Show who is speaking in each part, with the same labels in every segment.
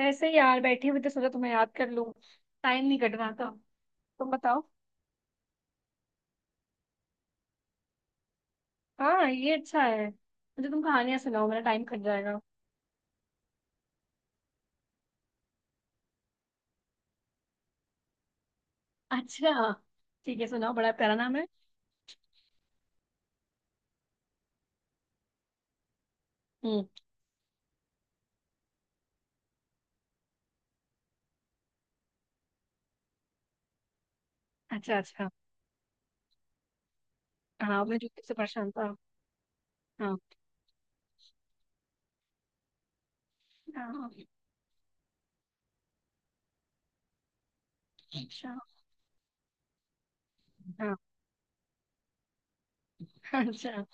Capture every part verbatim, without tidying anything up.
Speaker 1: ऐसे ही यार बैठी हुई तो सोचा तुम्हें याद कर लूं। टाइम नहीं कट रहा था। तुम बताओ। हाँ ये अच्छा है, मुझे तुम कहानियां सुनाओ, मेरा टाइम कट जाएगा। अच्छा। ठीक है सुनाओ, बड़ा प्यारा नाम है। हम्म। अच्छा अच्छा। हाँ मैं जूते से परेशान था। हाँ। हाँ। अच्छा। हाँ। अच्छा।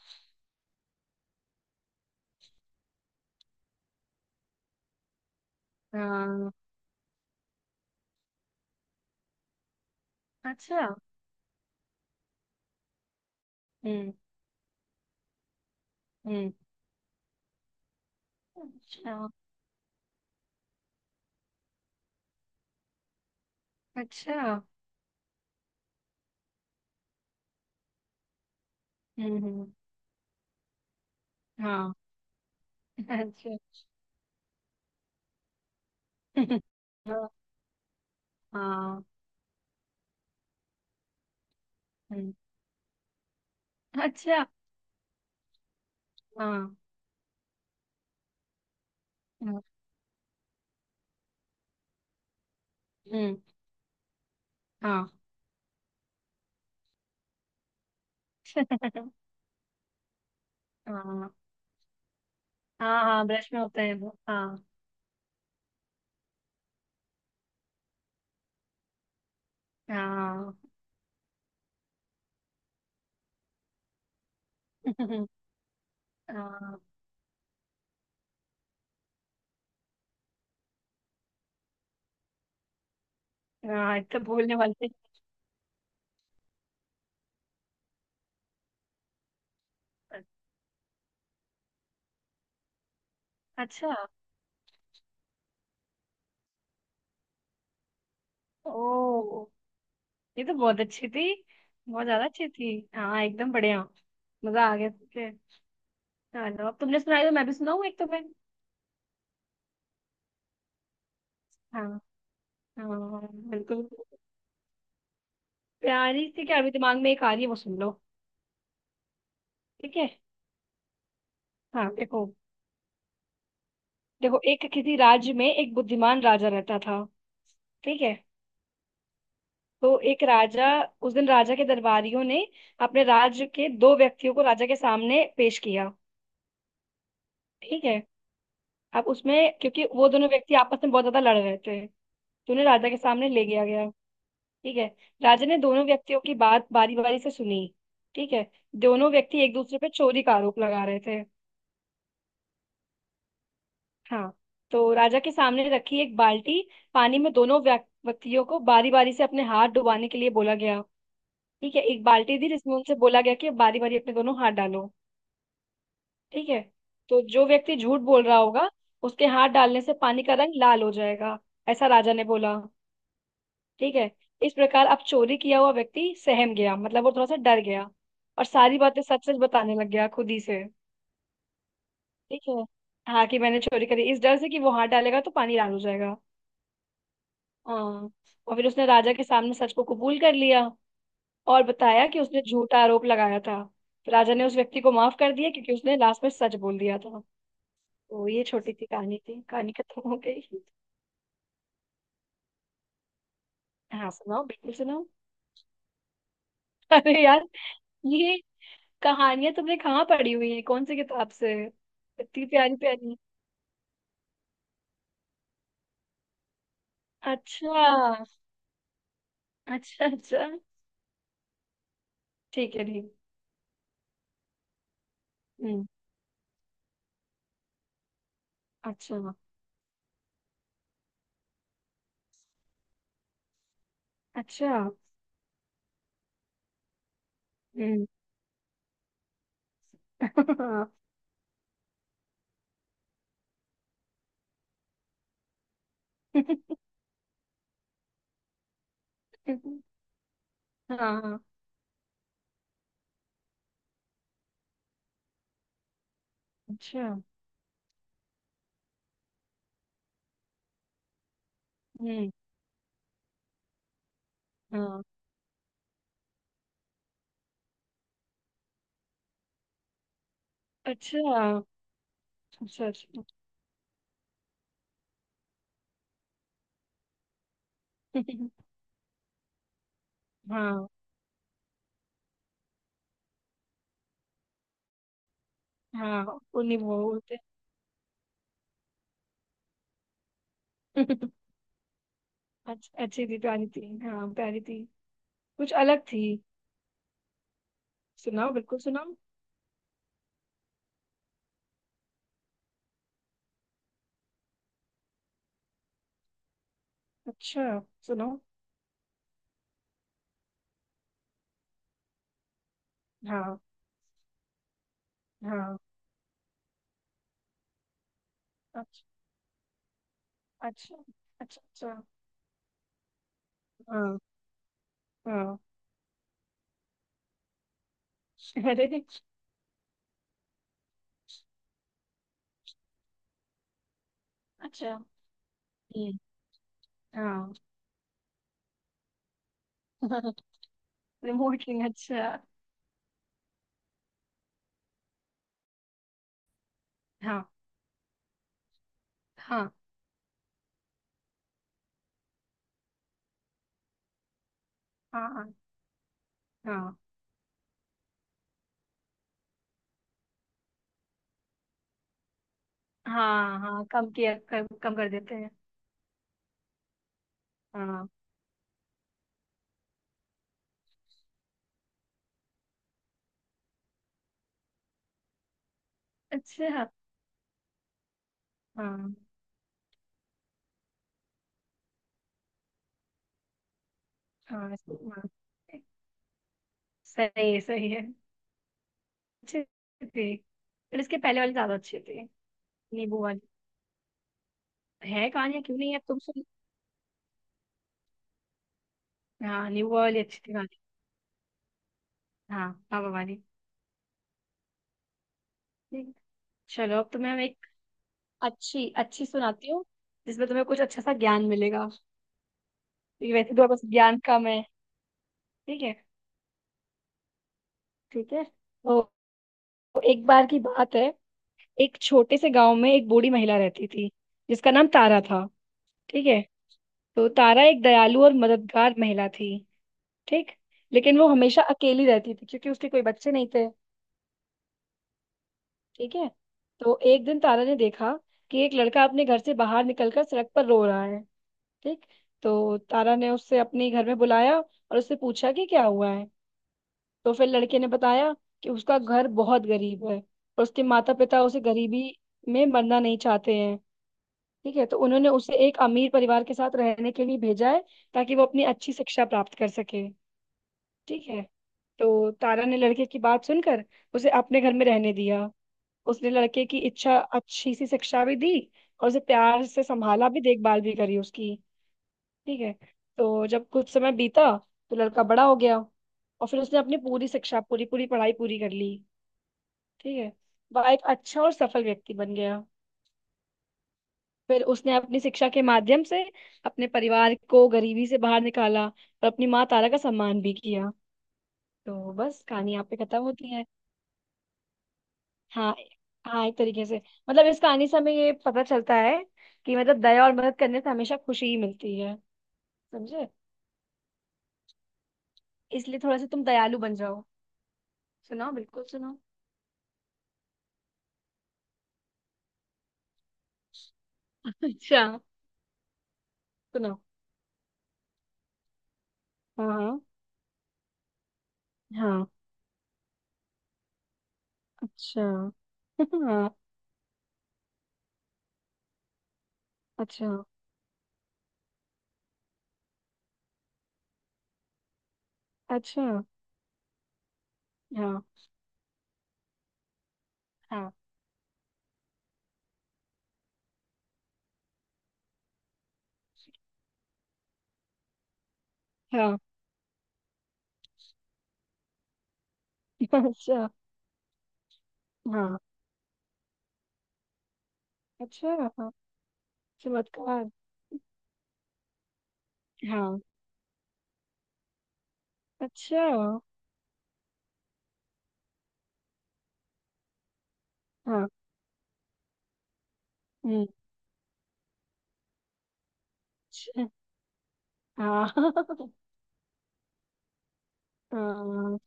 Speaker 1: हाँ। अच्छा। हम्म। हम्म। अच्छा अच्छा। हम्म। हम्म, हाँ। अच्छा। हाँ। हाँ। हम्म, अच्छा। हाँ। हम्म। हम्म, हाँ। हाँ। हाँ हाँ ब्रश में होते हैं वो, हाँ। हाँ। हाँ। हाँ, ये तो भूलने वाले थे। अच्छा। ओ। ये तो बहुत अच्छी थी। बहुत ज्यादा अच्छी थी, हाँ एकदम बढ़िया। मजा आ गया सुन के। चलो अब तुमने सुनाई तो मैं भी सुनाऊँ एक तुम्हें। हाँ। हाँ। बिल्कुल। प्यारी सी क्या, अभी दिमाग में एक आ रही है, वो सुन लो। ठीक है। हाँ देखो। देखो, एक किसी राज्य में एक बुद्धिमान राजा रहता था। ठीक है। तो एक राजा, उस दिन राजा के दरबारियों ने अपने राज्य के दो व्यक्तियों को राजा के सामने पेश किया। ठीक है। अब उसमें, क्योंकि वो दोनों व्यक्ति आपस में बहुत ज्यादा लड़ रहे थे तो उन्हें राजा के सामने ले गया गया। ठीक है। राजा ने दोनों व्यक्तियों की बात बारी बारी से सुनी। ठीक है। दोनों व्यक्ति एक दूसरे पे चोरी का आरोप लगा रहे थे। हाँ। तो राजा के सामने रखी एक बाल्टी पानी में दोनों व्यक- व्यक्तियों को बारी बारी से अपने हाथ डुबाने के लिए बोला गया। ठीक है, एक बाल्टी दी जिसमें उनसे बोला गया कि बारी बारी अपने दोनों हाथ डालो। ठीक है। तो जो व्यक्ति झूठ बोल रहा होगा उसके हाथ डालने से पानी का रंग लाल हो जाएगा, ऐसा राजा ने बोला। ठीक है। इस प्रकार अब चोरी किया हुआ व्यक्ति सहम गया, मतलब वो थोड़ा सा डर गया और सारी बातें सच सच बताने लग गया खुद ही से। ठीक है। हाँ कि मैंने चोरी करी, इस डर से कि वो हाथ डालेगा तो पानी लाल हो जाएगा। हाँ। और फिर उसने राजा के सामने सच को कबूल कर लिया और बताया कि उसने झूठा आरोप लगाया था। तो राजा ने उस व्यक्ति को माफ कर दिया क्योंकि उसने लास्ट में सच बोल दिया था। तो ये छोटी सी कहानी थी, कहानी खत्म हो गई। हाँ सुनाओ, बिल्कुल सुनाओ। अरे यार, ये कहानियां तुमने कहाँ पढ़ी हुई है, कौन सी किताब से? इतनी प्यारी प्यारी। अच्छा। अच्छा अच्छा। ठीक है ठीक। हम्म। अच्छा। अच्छा। हम्म। हाँ। हाँ, अच्छा। हम्म। हाँ। अच्छा अच्छा। अच्छा। हाँ। हाँ उन्हीं वो होते हैं। अच्छा, अच्छी थी प्यारी थी, हाँ प्यारी थी। कुछ अलग थी। सुनाओ बिल्कुल सुनाओ। अच्छा। सुनाओ। हाँ। हाँ। अच्छा। अच्छा अच्छा। अच्छा। हाँ। हाँ। अरे। अच्छा। हम्म, हाँ। रिमोटली अच्छा। हाँ। हाँ। हाँ। हाँ। हाँ। हाँ। हाँ कम किया, कम कम कर देते हैं। हाँ। अच्छा हाँ। हाँ। हाँ, सही है सही है। अच्छी थी। पर इसके पहले वाली ज्यादा अच्छी थी। नींबू वाली। है कहानियाँ, क्यों नहीं है? तुम सुन। हाँ नींबू वाली अच्छी थी कहानी। हाँ बाबा वाली। ठीक। चलो अब तुम्हें हम एक अच्छी अच्छी सुनाती हूँ, जिसमें तुम्हें कुछ अच्छा सा ज्ञान मिलेगा, क्योंकि वैसे तो बस ज्ञान कम है। ठीक है। ठीक है तो तो एक बार की बात है, एक छोटे से गांव में एक बूढ़ी महिला रहती थी जिसका नाम तारा था। ठीक है। तो तारा एक दयालु और मददगार महिला थी। ठीक। लेकिन वो हमेशा अकेली रहती थी क्योंकि उसके कोई बच्चे नहीं थे। ठीक है। तो एक दिन तारा ने देखा कि एक लड़का अपने घर से बाहर निकलकर सड़क पर रो रहा है। ठीक। तो तारा ने उससे अपने घर में बुलाया और उससे पूछा कि क्या हुआ है। तो फिर लड़के ने बताया कि उसका घर बहुत गरीब है और उसके माता पिता उसे गरीबी में मरना नहीं चाहते हैं। ठीक है। तो उन्होंने उसे एक अमीर परिवार के साथ रहने के लिए भेजा है ताकि वो अपनी अच्छी शिक्षा प्राप्त कर सके। ठीक है। तो तारा ने लड़के की बात सुनकर उसे अपने घर में रहने दिया। उसने लड़के की इच्छा अच्छी सी शिक्षा भी दी और उसे प्यार से संभाला, भी देखभाल भी करी उसकी। ठीक है। तो जब कुछ समय बीता तो लड़का बड़ा हो गया और फिर उसने अपनी पूरी शिक्षा पूरी पूरी पढ़ाई पूरी कर ली। ठीक है। वह एक अच्छा और सफल व्यक्ति बन गया। फिर उसने अपनी शिक्षा के माध्यम से अपने परिवार को गरीबी से बाहर निकाला और अपनी माँ तारा का सम्मान भी किया। तो बस कहानी यहाँ पे खत्म होती है। हाँ। हाँ एक तरीके से। मतलब इस कहानी से हमें ये पता चलता है कि मतलब दया और मदद करने से हमेशा खुशी ही मिलती है। समझे? इसलिए थोड़ा सा तुम दयालु बन जाओ। सुनाओ बिल्कुल सुनाओ। अच्छा। सुनाओ। हाँ। हाँ। हाँ। अच्छा। हाँ। अच्छा। अच्छा। हाँ। हाँ। हाँ। अच्छा। हाँ। अच्छा। हाँ चमत्कार। हाँ। अच्छा। हाँ। हम्म, अच्छा। हाँ। हाँ।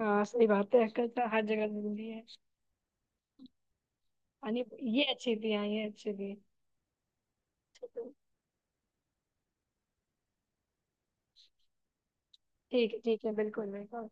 Speaker 1: हाँ सही बात है, अक्कल तो हर जगह जरूरी है। यानी ये अच्छी थी, हाँ ये अच्छी थी। ठीक है ठीक है बिल्कुल बिल्कुल।